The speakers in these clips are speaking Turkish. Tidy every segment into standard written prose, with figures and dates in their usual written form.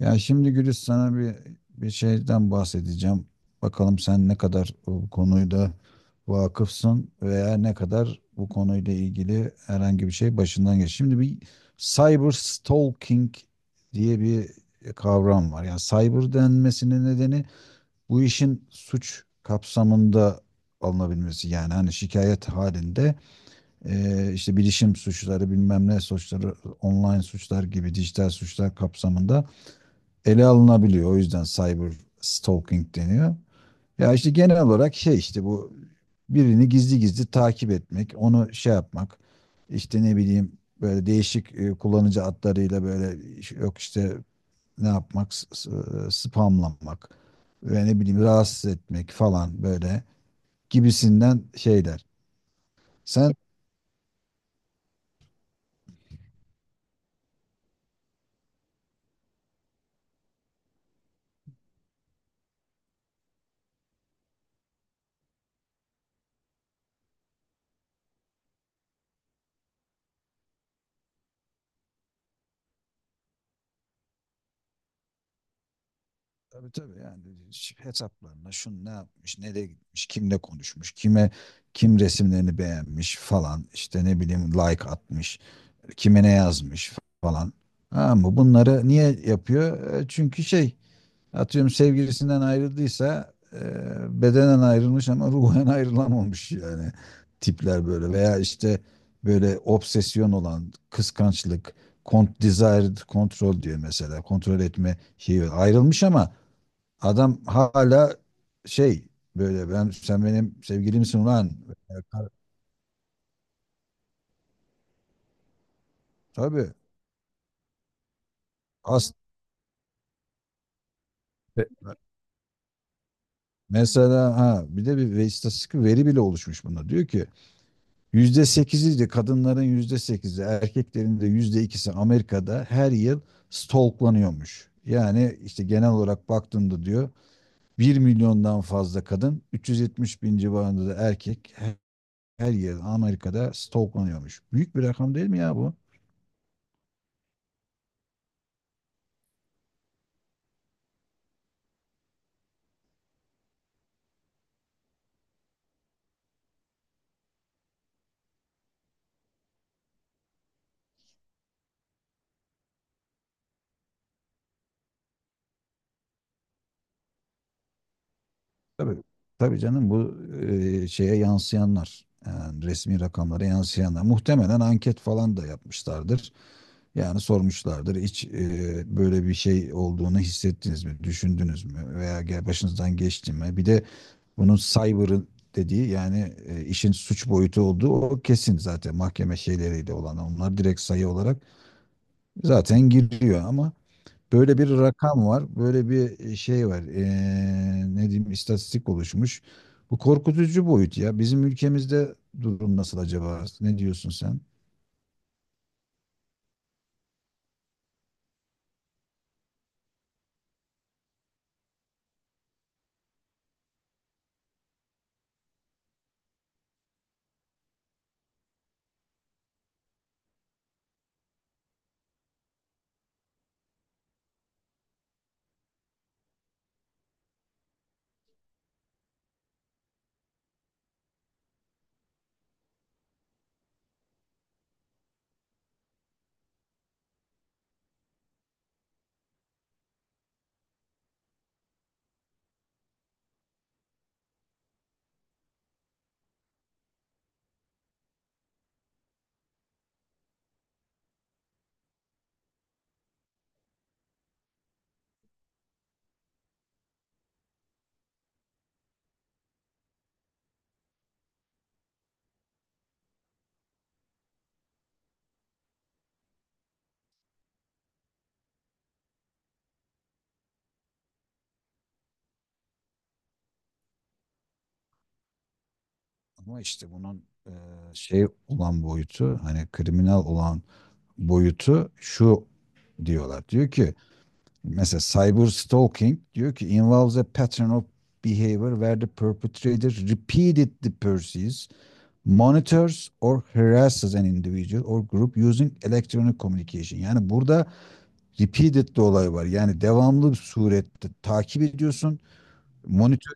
Ya şimdi Gülis sana bir şeyden bahsedeceğim. Bakalım sen ne kadar bu konuda vakıfsın veya ne kadar bu konuyla ilgili herhangi bir şey başından geç. Şimdi bir cyber stalking diye bir kavram var. Yani cyber denmesinin nedeni bu işin suç kapsamında alınabilmesi. Yani hani şikayet halinde işte bilişim suçları bilmem ne suçları online suçlar gibi dijital suçlar kapsamında ele alınabiliyor. O yüzden cyber stalking deniyor. Ya işte genel olarak şey işte bu birini gizli gizli takip etmek, onu şey yapmak, işte ne bileyim böyle değişik kullanıcı adlarıyla böyle yok işte ne yapmak, spamlamak ve ne bileyim rahatsız etmek falan böyle gibisinden şeyler. Sen Tabii, tabii, yani hesaplarına şun ne yapmış, nereye gitmiş, kimle konuşmuş, kime kim resimlerini beğenmiş falan işte ne bileyim like atmış, kime ne yazmış falan. Ha mı bunları niye yapıyor? Çünkü şey atıyorum sevgilisinden ayrıldıysa bedenen ayrılmış ama ruhen ayrılamamış yani tipler böyle veya işte böyle obsesyon olan kıskançlık, desired control diyor mesela kontrol etme şeyi ayrılmış ama adam hala şey böyle ben sen benim sevgilimsin ulan. Ee, kar- Tabii. As Ve- Mesela, ha, bir de istatistik bir veri bile oluşmuş bunda. Diyor ki %8'i de kadınların %8'i erkeklerin de %2'si Amerika'da her yıl stalklanıyormuş. Yani işte genel olarak baktığımda diyor 1 milyondan fazla kadın 370 bin civarında da erkek her yıl Amerika'da stalklanıyormuş. Büyük bir rakam değil mi ya bu? Tabii, tabii canım, bu şeye yansıyanlar yani resmi rakamlara yansıyanlar muhtemelen anket falan da yapmışlardır. Yani sormuşlardır hiç böyle bir şey olduğunu hissettiniz mi, düşündünüz mü veya başınızdan geçti mi? Bir de bunun cyber'ı dediği yani işin suç boyutu olduğu o kesin, zaten mahkeme şeyleriyle olan onlar direkt sayı olarak zaten giriyor ama böyle bir rakam var, böyle bir şey var. Ne diyeyim, istatistik oluşmuş. Bu korkutucu boyut ya. Bizim ülkemizde durum nasıl acaba? Ne diyorsun sen? Ama işte bunun şey olan boyutu, hani kriminal olan boyutu şu diyorlar. Diyor ki mesela cyber stalking diyor ki involves a pattern of behavior where the perpetrator repeatedly pursues monitors or harasses an individual or group using electronic communication. Yani burada repeated de olay var. Yani devamlı bir surette takip ediyorsun. Monitör,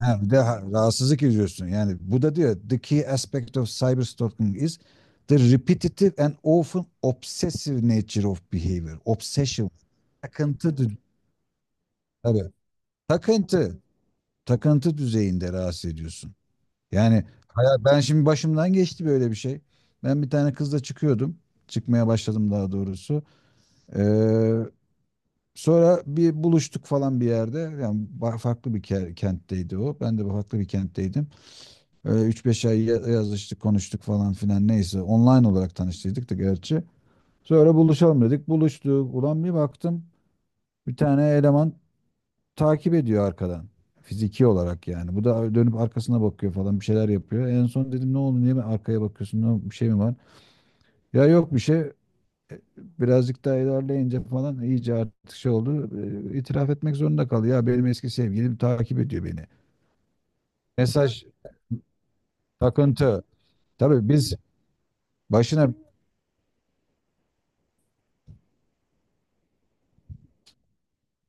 ha, de rahatsızlık ediyorsun. Yani bu da diyor the key aspect of cyber stalking is the repetitive and often obsessive nature of behavior. Obsession. Takıntı. Tabii. Takıntı. Takıntı düzeyinde rahatsız ediyorsun. Yani hayat, ben şimdi başımdan geçti böyle bir şey. Ben bir tane kızla çıkıyordum. Çıkmaya başladım daha doğrusu. Ee, Sonra bir buluştuk falan bir yerde. Yani farklı bir kentteydi o. Ben de farklı bir kentteydim. Öyle 3-5 ay yazıştık, konuştuk falan filan neyse. Online olarak tanıştıydık da gerçi. Sonra buluşalım dedik. Buluştuk. Ulan bir baktım. Bir tane eleman takip ediyor arkadan. Fiziki olarak yani. Bu da dönüp arkasına bakıyor falan, bir şeyler yapıyor. En son dedim ne oldu, niye ben arkaya bakıyorsun, ne, bir şey mi var? Ya yok bir şey. Birazcık daha ilerleyince falan iyice artık şey oldu. İtiraf etmek zorunda kaldı. Ya benim eski sevgilim takip ediyor beni. Mesaj. Takıntı. Tabii. biz başına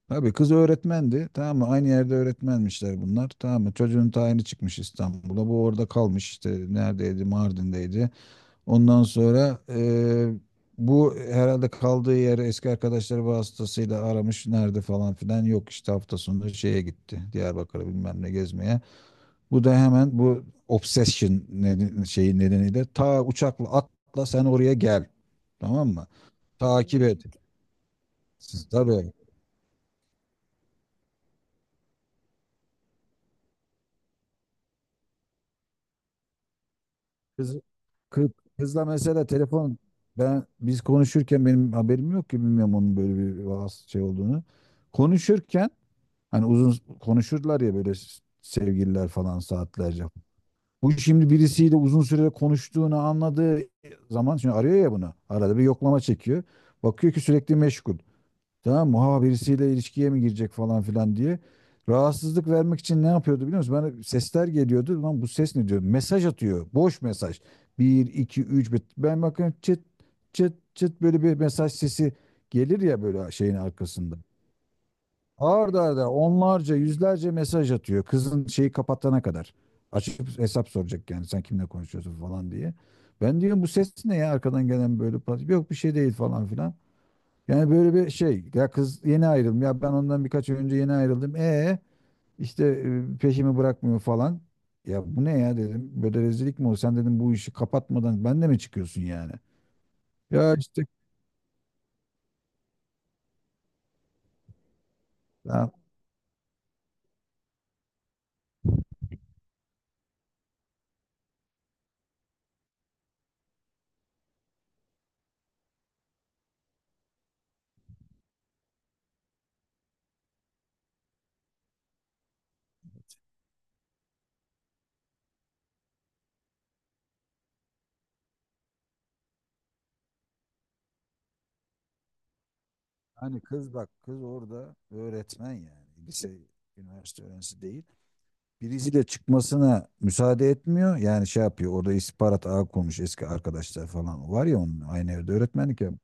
Tabii, kız öğretmendi. Tamam mı? Aynı yerde öğretmenmişler bunlar. Tamam mı? Çocuğun tayini çıkmış İstanbul'a. Bu orada kalmış işte. Neredeydi? Mardin'deydi. Ondan sonra bu herhalde kaldığı yeri eski arkadaşları vasıtasıyla aramış. Nerede falan filan. Yok işte hafta sonu şeye gitti. Diyarbakır'a bilmem ne gezmeye. Bu da hemen bu obsession neden, şeyi nedeniyle ta uçakla atla sen oraya gel. Tamam mı? Takip et. Tabii. Kız, kız, kızla mesela telefon biz konuşurken benim haberim yok ki, bilmiyorum onun böyle bir şey olduğunu. Konuşurken Hani uzun konuşurlar ya böyle sevgililer falan, saatlerce. Bu şimdi birisiyle uzun süre konuştuğunu anladığı zaman şimdi arıyor ya bunu. Arada bir yoklama çekiyor. Bakıyor ki sürekli meşgul. Tamam mı? Ha, birisiyle ilişkiye mi girecek falan filan diye. Rahatsızlık vermek için ne yapıyordu biliyor musun? Bana sesler geliyordu. Lan bu ses ne, diyor? Mesaj atıyor. Boş mesaj. 1, 2, 3. Ben bakıyorum çıt çıt çıt böyle bir mesaj sesi gelir ya böyle şeyin arkasında. Arda arda onlarca, yüzlerce mesaj atıyor. Kızın şeyi kapatana kadar. Açıp hesap soracak yani sen kimle konuşuyorsun falan diye. Ben diyorum bu ses ne ya, arkadan gelen böyle pat. Yok bir şey değil falan filan. Yani böyle bir şey. Ya kız yeni ayrıldım. Ya ben ondan birkaç ay önce yeni ayrıldım. E işte peşimi bırakmıyor falan. Ya bu ne ya, dedim. Böyle rezillik mi olur? Sen, dedim, bu işi kapatmadan ben de mi çıkıyorsun yani? Ya işte, hani kız, bak kız orada öğretmen, yani lise, üniversite öğrencisi değil. Birisiyle çıkmasına müsaade etmiyor. Yani şey yapıyor orada, istihbarat ağı kurmuş eski arkadaşlar falan var ya onun, aynı evde öğretmenlik yap.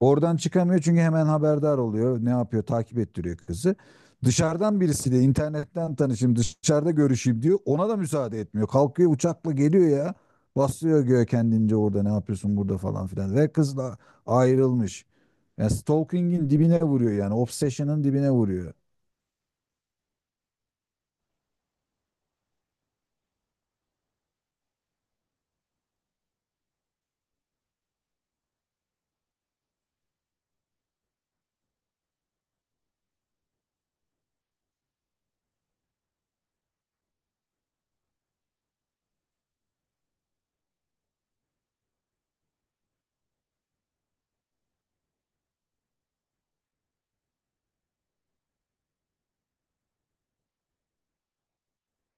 Oradan çıkamıyor çünkü hemen haberdar oluyor. Ne yapıyor? Takip ettiriyor kızı. Dışarıdan birisiyle internetten tanışayım, dışarıda görüşeyim diyor. Ona da müsaade etmiyor. Kalkıyor uçakla geliyor ya. Basıyor göğe kendince, orada ne yapıyorsun burada falan filan. Ve kızla ayrılmış. Yani stalking'in dibine vuruyor yani. Obsession'ın dibine vuruyor.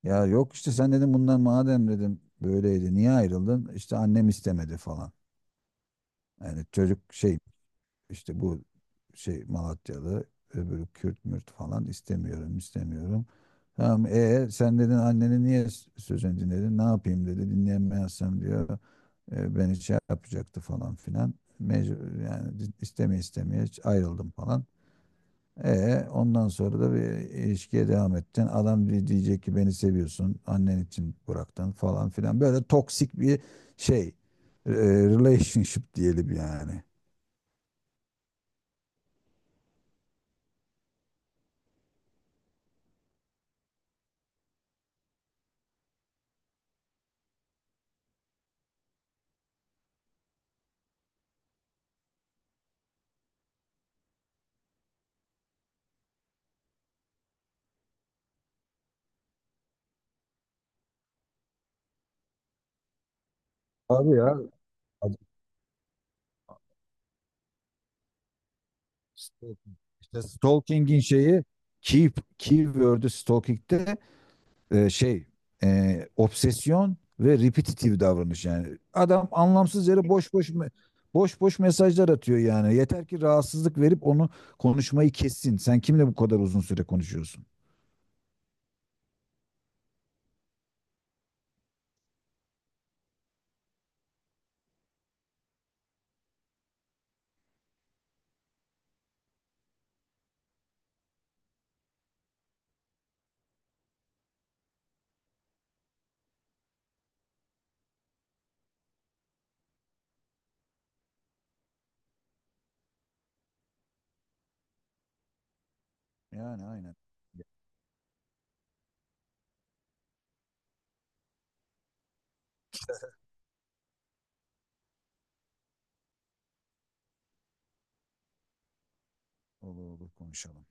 Ya yok işte, sen dedim bundan madem dedim böyleydi niye ayrıldın? İşte annem istemedi falan. Yani çocuk şey. İşte bu şey Malatyalı, öbürü Kürt mürt, falan, istemiyorum istemiyorum. Tamam, sen dedin, anneni niye sözünü dinledin? Ne yapayım dedi, dinleyemezsem diyor beni şey yapacaktı falan filan. Mecbur yani, istemeye istemeye ayrıldım falan. E ondan sonra da bir ilişkiye devam ettin. Adam diyecek ki beni seviyorsun, annen için bıraktın falan filan. Böyle toksik bir şey. e, Relationship diyelim yani. Abi ya, adam işte işte stalking'in şeyi, keep keyword'ü stalking'de şey, obsesyon ve repetitive davranış yani. Adam anlamsız yere boş boş mesajlar atıyor yani. Yeter ki rahatsızlık verip onu konuşmayı kessin. Sen kimle bu kadar uzun süre konuşuyorsun? Yani aynen. Olur olur, konuşalım.